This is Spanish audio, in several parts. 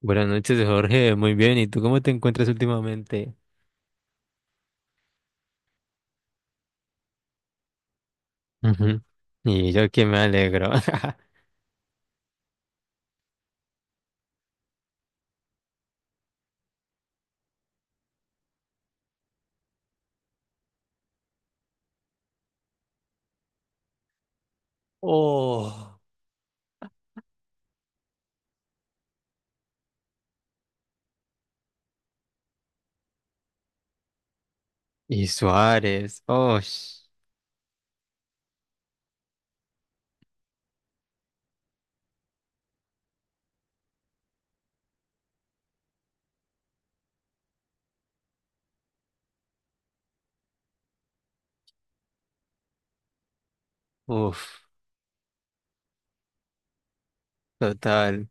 Buenas noches, Jorge. Muy bien. ¿Y tú cómo te encuentras últimamente? Ujú. Y yo que me alegro. Oh. Y Suárez. Oh. Uf. Total.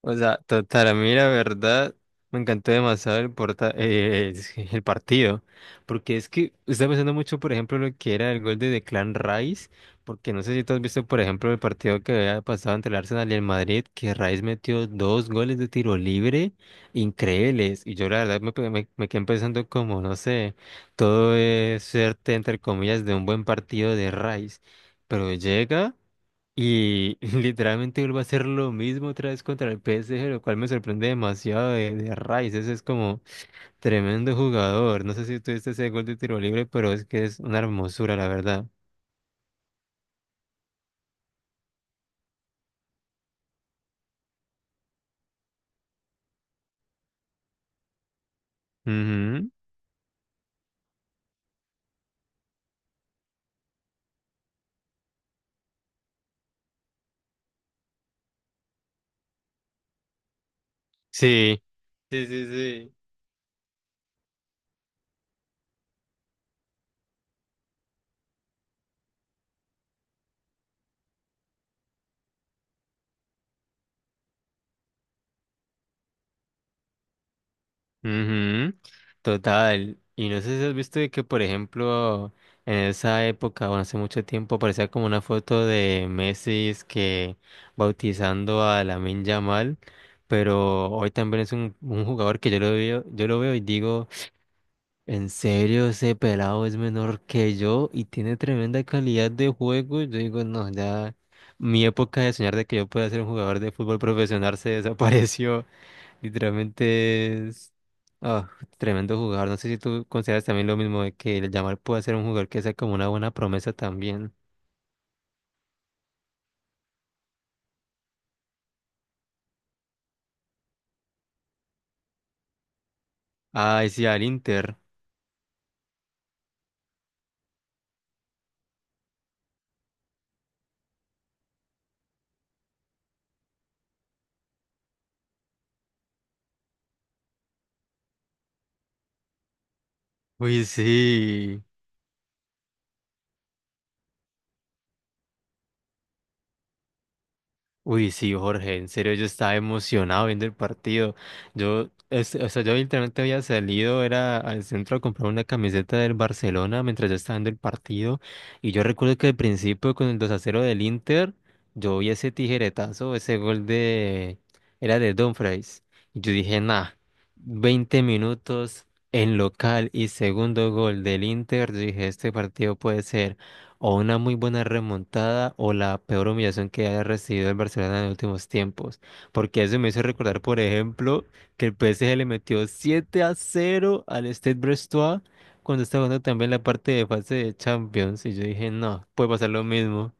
O sea, total, a mí la verdad me encantó demasiado es que el partido, porque es que estaba pensando mucho, por ejemplo, lo que era el gol de Declan Rice, porque no sé si tú has visto, por ejemplo, el partido que había pasado entre el Arsenal y el Madrid, que Rice metió dos goles de tiro libre increíbles, y yo la verdad me quedé pensando como, no sé, todo es suerte, entre comillas, de un buen partido de Rice, pero llega… Y literalmente vuelve a hacer lo mismo otra vez contra el PSG, lo cual me sorprende demasiado de Rice. Ese es como tremendo jugador. No sé si tuviste ese gol de tiro libre, pero es que es una hermosura, la verdad. Ujú. Sí, sí, sí, sí. Ujú. Total. Y no sé si has visto de que, por ejemplo, en esa época, bueno, hace mucho tiempo, aparecía como una foto de Messi es que bautizando a Lamine Yamal, pero hoy también es un jugador que yo lo veo y digo, en serio, ese pelado es menor que yo y tiene tremenda calidad de juego. Yo digo, no, ya mi época de soñar de que yo pueda ser un jugador de fútbol profesional se desapareció. Literalmente es ah, tremendo jugador. No sé si tú consideras también lo mismo de que el Yamal puede ser un jugador que sea como una buena promesa también. Ay, sí, al Inter. Uy, sí. Uy, sí, Jorge, en serio yo estaba emocionado viendo el partido. Yo, o sea, yo literalmente había salido, era al centro a comprar una camiseta del Barcelona mientras yo estaba viendo el partido. Y yo recuerdo que al principio con el 2-0 del Inter, yo vi ese tijeretazo, ese gol de, era de Dumfries. Y yo dije, nah, 20 minutos en local y segundo gol del Inter. Yo dije, este partido puede ser. O una muy buena remontada o la peor humillación que haya recibido el Barcelona en los últimos tiempos. Porque eso me hizo recordar, por ejemplo, que el PSG le metió 7-0 al Stade Brestois cuando estaba jugando también la parte de fase de Champions. Y yo dije, no, puede pasar lo mismo.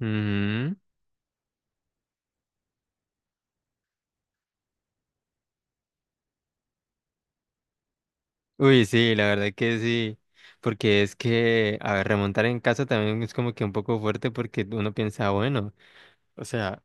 Ujú. Uy, sí, la verdad que sí. Porque es que, a ver, remontar en casa también es como que un poco fuerte porque uno piensa, bueno, o sea.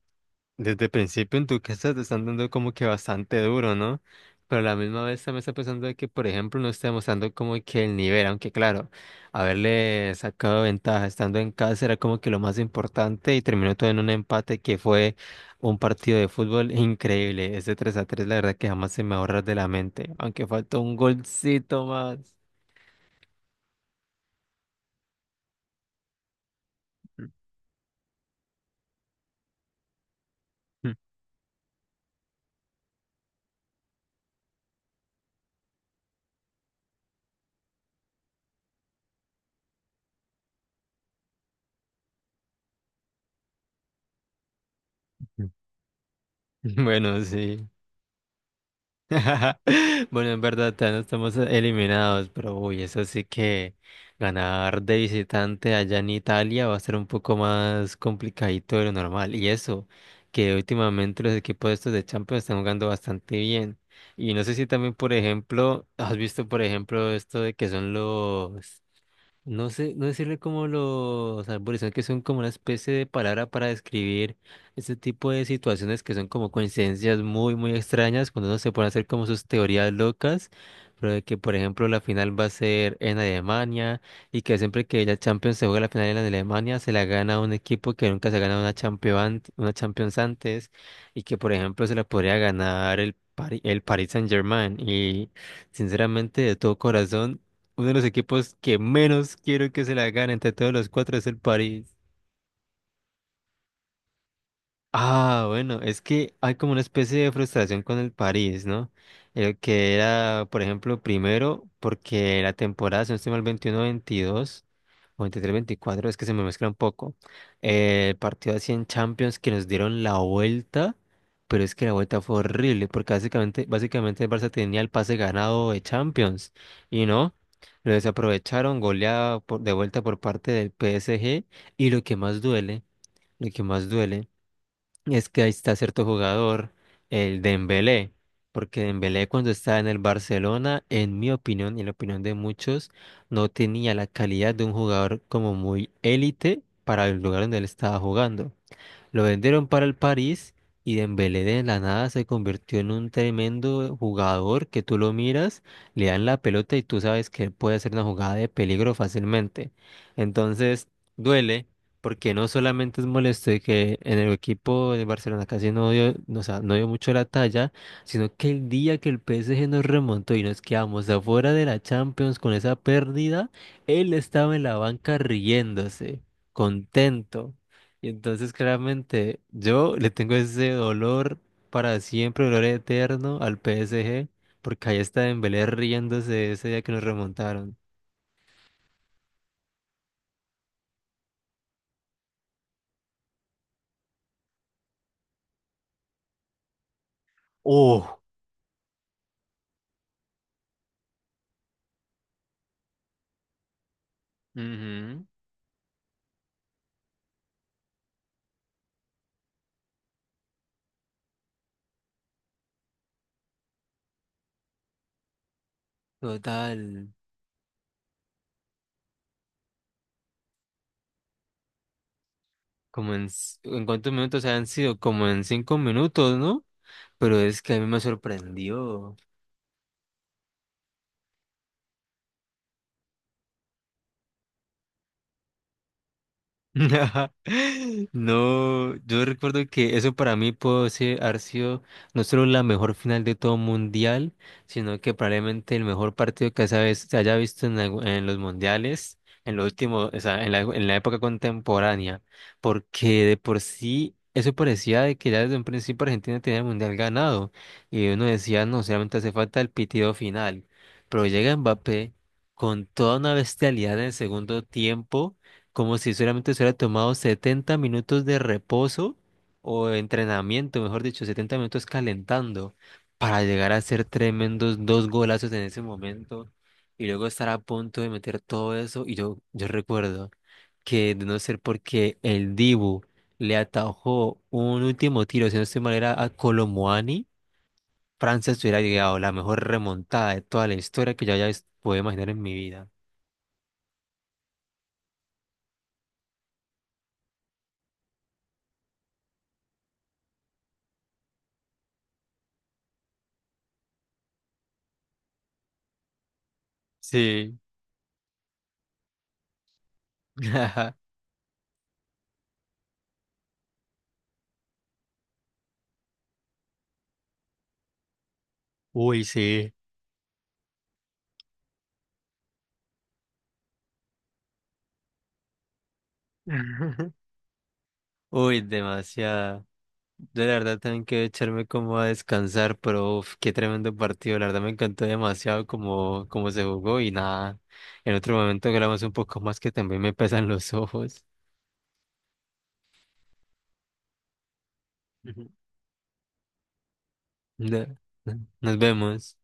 Desde el principio en tu casa te están dando como que bastante duro, ¿no? Pero a la misma vez también está pensando de que, por ejemplo, no está demostrando como que el nivel, aunque claro, haberle sacado ventaja estando en casa era como que lo más importante y terminó todo en un empate que fue un partido de fútbol increíble. Ese 3-3 la verdad que jamás se me ahorra de la mente, aunque faltó un golcito más. Bueno, sí. Bueno, en verdad, ya no estamos eliminados, pero uy, eso sí que ganar de visitante allá en Italia va a ser un poco más complicadito de lo normal. Y eso, que últimamente los equipos estos de Champions están jugando bastante bien. Y no sé si también, por ejemplo, has visto, por ejemplo, esto de que son los no sé, no decirle como los arborizados que son como una especie de palabra para describir este tipo de situaciones que son como coincidencias muy, muy extrañas cuando uno se pone a hacer como sus teorías locas, pero de que por ejemplo la final va a ser en Alemania y que siempre que la Champions se juega la final en Alemania se la gana un equipo que nunca se ha ganado una Champions antes y que por ejemplo se la podría ganar el Paris Saint-Germain y sinceramente de todo corazón. Uno de los equipos que menos quiero que se la gane entre todos los cuatro es el París. Ah, bueno, es que hay como una especie de frustración con el París, ¿no? El que era, por ejemplo, primero, porque la temporada, si no estoy mal, 21-22 o 23-24, es que se me mezcla un poco. El partido así en Champions que nos dieron la vuelta, pero es que la vuelta fue horrible, porque básicamente el Barça tenía el pase ganado de Champions, y no, lo desaprovecharon, goleada de vuelta por parte del PSG, y lo que más duele, lo que más duele. Es que ahí está cierto jugador, el Dembélé, porque Dembélé cuando estaba en el Barcelona, en mi opinión y en la opinión de muchos, no tenía la calidad de un jugador como muy élite para el lugar donde él estaba jugando. Lo vendieron para el París y Dembélé de la nada se convirtió en un tremendo jugador que tú lo miras, le dan la pelota y tú sabes que él puede hacer una jugada de peligro fácilmente. Entonces, duele porque no solamente es molesto de que en el equipo de Barcelona casi no dio, no, o sea, no dio mucho la talla, sino que el día que el PSG nos remontó y nos quedamos afuera de la Champions con esa pérdida, él estaba en la banca riéndose, contento. Y entonces claramente yo le tengo ese dolor para siempre, dolor eterno al PSG, porque ahí está Dembélé riéndose ese día que nos remontaron. ¡Oh! Ujú. Total, como en, ¿en cuántos minutos han sido? Como en 5 minutos, ¿no? Pero es que a mí me sorprendió. No, yo recuerdo que eso para mí puede ser, haber sido no solo la mejor final de todo mundial, sino que probablemente el mejor partido que esa vez se haya visto en los mundiales, en lo último, o sea, en la época contemporánea, porque de por sí eso parecía de que ya desde un principio Argentina tenía el mundial ganado, y uno decía, no, solamente hace falta el pitido final, pero llega Mbappé con toda una bestialidad en el segundo tiempo como si solamente se hubiera tomado 70 minutos de reposo o entrenamiento, mejor dicho, 70 minutos calentando para llegar a hacer tremendos dos golazos en ese momento y luego estar a punto de meter todo eso. Yo recuerdo que de no ser porque el Dibu le atajó un último tiro, si no estoy mal, era a Colomuani, Francia se hubiera llegado la mejor remontada de toda la historia que yo haya podido imaginar en mi vida. Sí. Uy, sí. Uy, demasiado. Yo la verdad también quiero echarme como a descansar, pero uf, qué tremendo partido. La verdad me encantó demasiado como, como se jugó y nada. En otro momento grabamos un poco más que también me pesan los ojos. Ujú. Na- Nos vemos.